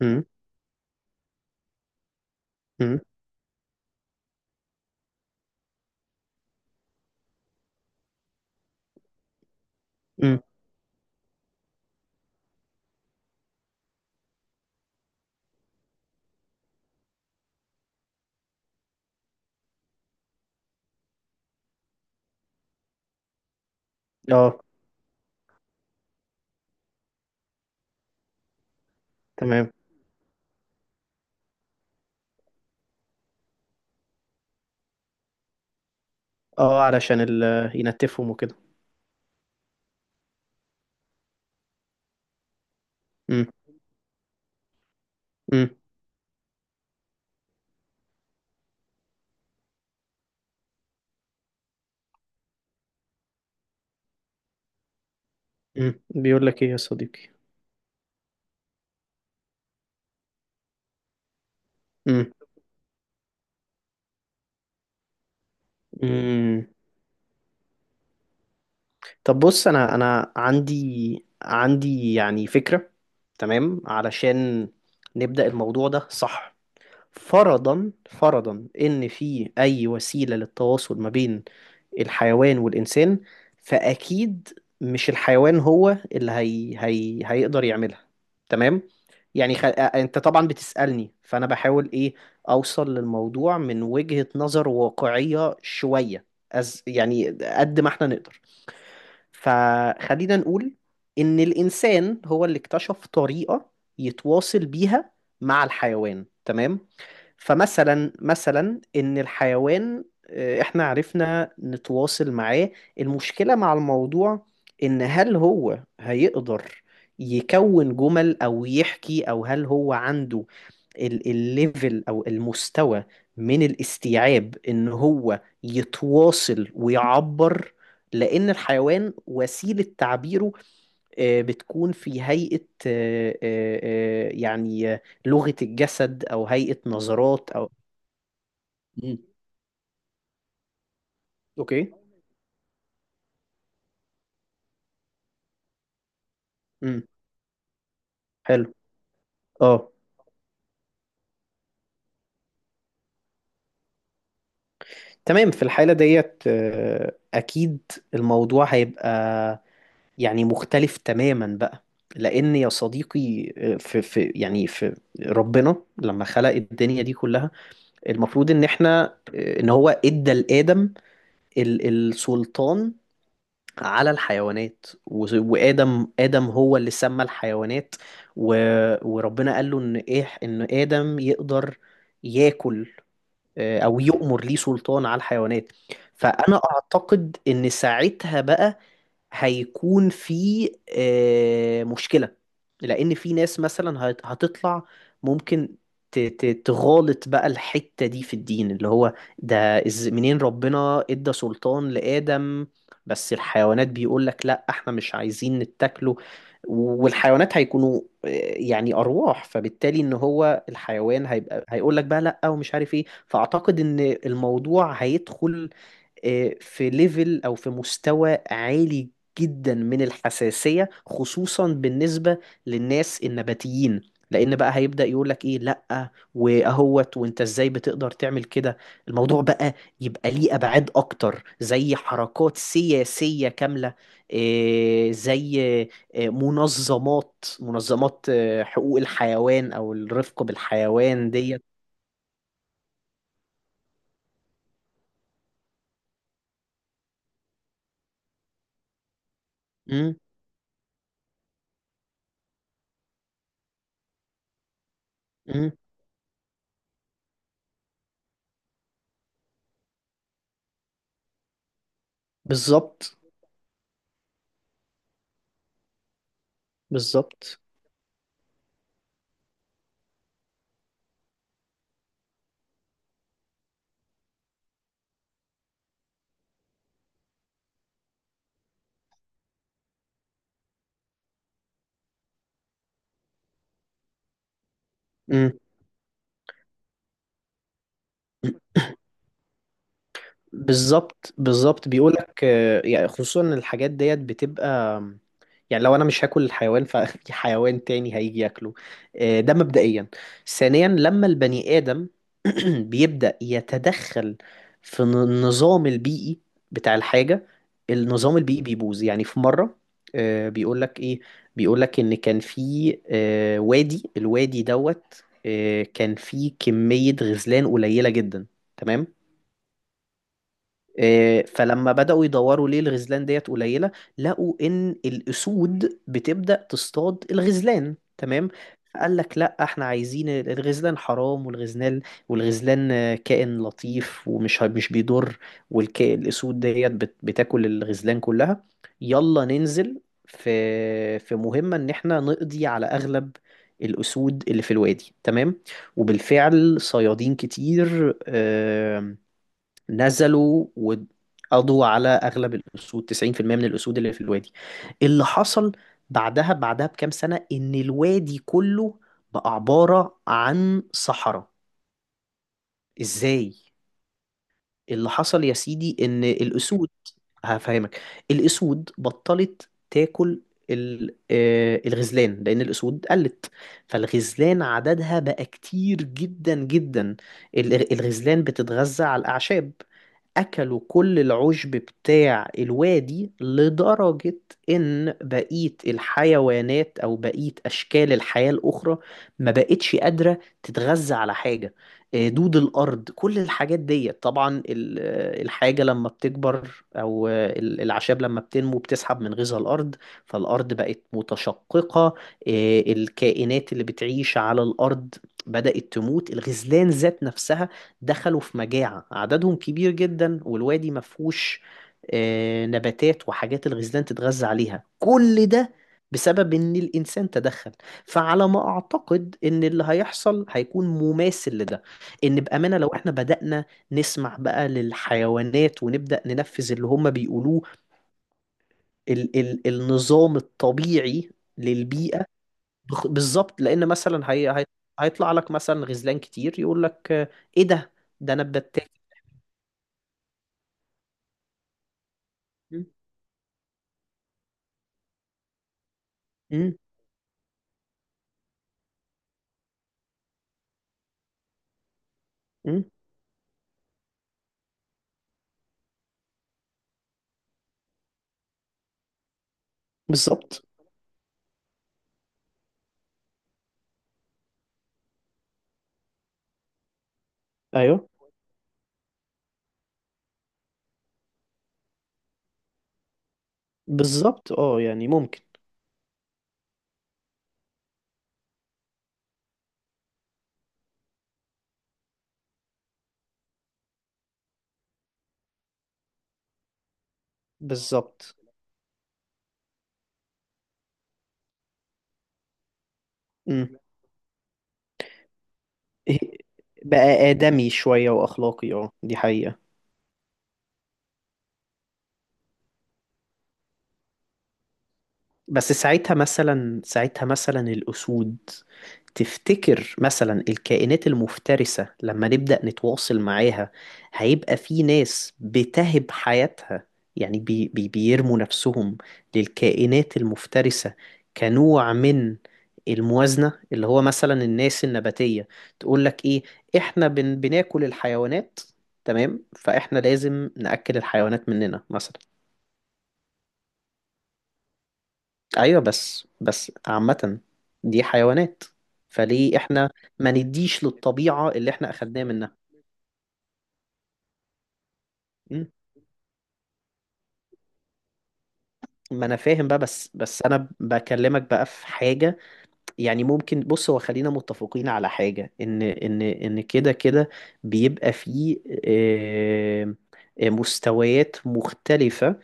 امم. امم. امم. اه، تمام. اه، علشان ينتفهم وكده. امم. امم. امم. بيقول لك ايه يا صديقي؟ امم. امم. طب بص، انا عندي يعني فكرة. تمام. علشان نبدأ الموضوع ده صح، فرضا فرضا ان في اي وسيلة للتواصل ما بين الحيوان والإنسان، فأكيد مش الحيوان هو اللي هيقدر يعملها. تمام. يعني خ... آه، أنت طبعا بتسألني، فأنا بحاول أوصل للموضوع من وجهة نظر واقعية شوية. يعني قد ما إحنا نقدر، فخلينا نقول إن الإنسان هو اللي اكتشف طريقة يتواصل بيها مع الحيوان. تمام. فمثلا مثلا ان الحيوان، احنا عرفنا نتواصل معاه. المشكلة مع الموضوع ان هل هو هيقدر يكون جمل او يحكي، او هل هو عنده الليفل او المستوى من الاستيعاب ان هو يتواصل ويعبر؟ لان الحيوان وسيلة تعبيره بتكون في هيئة يعني لغة الجسد او هيئة نظرات او. مم. اوكي. امم. حلو. اه، تمام. في الحالة ديت اكيد الموضوع هيبقى يعني مختلف تماما بقى. لأن يا صديقي، في في يعني في ربنا لما خلق الدنيا دي كلها، المفروض إن إحنا إن هو إدى لآدم السلطان على الحيوانات. وآدم هو اللي سمى الحيوانات. وربنا قال له إن إن آدم يقدر ياكل أو يؤمر، ليه سلطان على الحيوانات. فأنا أعتقد إن ساعتها بقى هيكون في مشكلة، لأن في ناس مثلا هتطلع ممكن تغالط بقى الحتة دي في الدين اللي هو ده. إز منين ربنا إدى سلطان لآدم؟ بس الحيوانات بيقول لك لا، احنا مش عايزين نتاكله. والحيوانات هيكونوا يعني أرواح، فبالتالي إن هو الحيوان هيبقى هيقول لك بقى لا ومش عارف إيه. فأعتقد إن الموضوع هيدخل في ليفل او في مستوى عالي جدا من الحساسية، خصوصا بالنسبة للناس النباتيين، لان بقى هيبدأ يقولك ايه لأ واهوت وانت ازاي بتقدر تعمل كده. الموضوع بقى يبقى ليه ابعاد اكتر، زي حركات سياسية كاملة، زي منظمات حقوق الحيوان او الرفق بالحيوان ديت. مم. مم. بالظبط. بالظبط. امم. بالظبط. بالظبط. بيقولك يعني خصوصا إن الحاجات ديت بتبقى، يعني لو انا مش هاكل الحيوان ففي حيوان تاني هيجي ياكله. ده مبدئيا. ثانيا، لما البني ادم بيبدأ يتدخل في النظام البيئي بتاع الحاجة، النظام البيئي بيبوظ. يعني في مرة بيقولك ايه، بيقولك ان كان في الوادي دوت، كان فيه كمية غزلان قليلة جدا. تمام. فلما بدأوا يدوروا ليه الغزلان ديت قليلة، لقوا إن الأسود بتبدأ تصطاد الغزلان. تمام. قال لك لا، احنا عايزين الغزلان حرام، والغزلان كائن لطيف ومش مش بيضر، والكائن الأسود ديت بتاكل الغزلان كلها. يلا ننزل في مهمة إن احنا نقضي على أغلب الأسود اللي في الوادي. تمام. وبالفعل صيادين كتير نزلوا وقضوا على اغلب الاسود، 90% من الاسود اللي في الوادي. اللي حصل بعدها بكام سنة، ان الوادي كله بقى عبارة عن صحراء. ازاي؟ اللي حصل يا سيدي ان الاسود، هفهمك. الاسود بطلت تاكل الغزلان، لان الاسود قلت، فالغزلان عددها بقى كتير جدا جدا. الغزلان بتتغذى على الاعشاب، أكلوا كل العشب بتاع الوادي لدرجة إن بقية الحيوانات أو بقية أشكال الحياة الأخرى ما بقتش قادرة تتغذى على حاجة. دود الأرض، كل الحاجات دي، طبعا الحاجة لما بتكبر أو الأعشاب لما بتنمو بتسحب من غذاء الأرض. فالأرض بقت متشققة، الكائنات اللي بتعيش على الأرض بدأت تموت. الغزلان ذات نفسها دخلوا في مجاعة، عددهم كبير جدا والوادي مفهوش نباتات وحاجات الغزلان تتغذى عليها. كل ده بسبب ان الانسان تدخل. فعلى ما اعتقد ان اللي هيحصل هيكون مماثل لده. ان بامانه لو احنا بدانا نسمع بقى للحيوانات ونبدا ننفذ اللي هم بيقولوه، ال ال النظام الطبيعي للبيئه. بالظبط، لان مثلا هيطلع لك مثلا غزلان كتير، يقول لك ايه ده انا بتاكل. امم. امم. بالظبط. ايوه، بالظبط. اه، يعني ممكن. بالظبط. امم. بقى آدمي شوية وأخلاقي، اه، دي حقيقة. بس ساعتها مثلا الأسود، تفتكر مثلا الكائنات المفترسة لما نبدأ نتواصل معاها هيبقى في ناس بتهب حياتها؟ يعني بي بي بيرموا نفسهم للكائنات المفترسة كنوع من الموازنة، اللي هو مثلا الناس النباتية تقول لك ايه، احنا بناكل الحيوانات. تمام، فاحنا لازم نأكل الحيوانات مننا مثلا. ايوه، بس عامة دي حيوانات، فليه احنا ما نديش للطبيعة اللي احنا اخدناه منها؟ مم. ما انا فاهم بقى، بس انا بكلمك بقى في حاجة. يعني ممكن بص، هو خلينا متفقين على حاجة، ان كده كده بيبقى فيه آه، مستويات مختلفة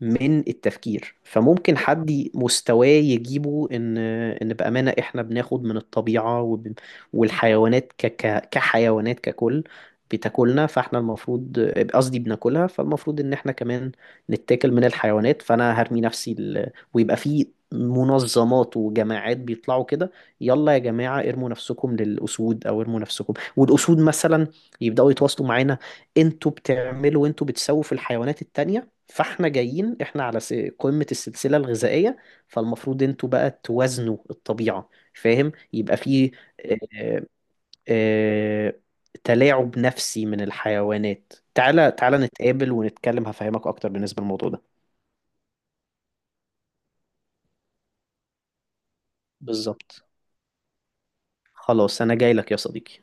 من التفكير. فممكن حد مستواه يجيبه ان بأمانة احنا بناخد من الطبيعة والحيوانات كحيوانات ككل بتاكلنا، فاحنا المفروض، قصدي بناكلها، فالمفروض ان احنا كمان نتاكل من الحيوانات. فانا هرمي نفسي، ويبقى فيه منظمات وجماعات بيطلعوا كده: يلا يا جماعة، ارموا نفسكم للأسود، أو ارموا نفسكم والأسود مثلا يبدأوا يتواصلوا معانا. انتوا بتسووا في الحيوانات التانية، فاحنا جايين احنا على قمة السلسلة الغذائية، فالمفروض انتوا بقى توازنوا الطبيعة. فاهم؟ يبقى في آه، آه، تلاعب نفسي من الحيوانات. تعالى تعالى نتقابل ونتكلم، هفهمك أكتر بالنسبة للموضوع ده. بالظبط. خلاص، أنا جاي لك يا صديقي.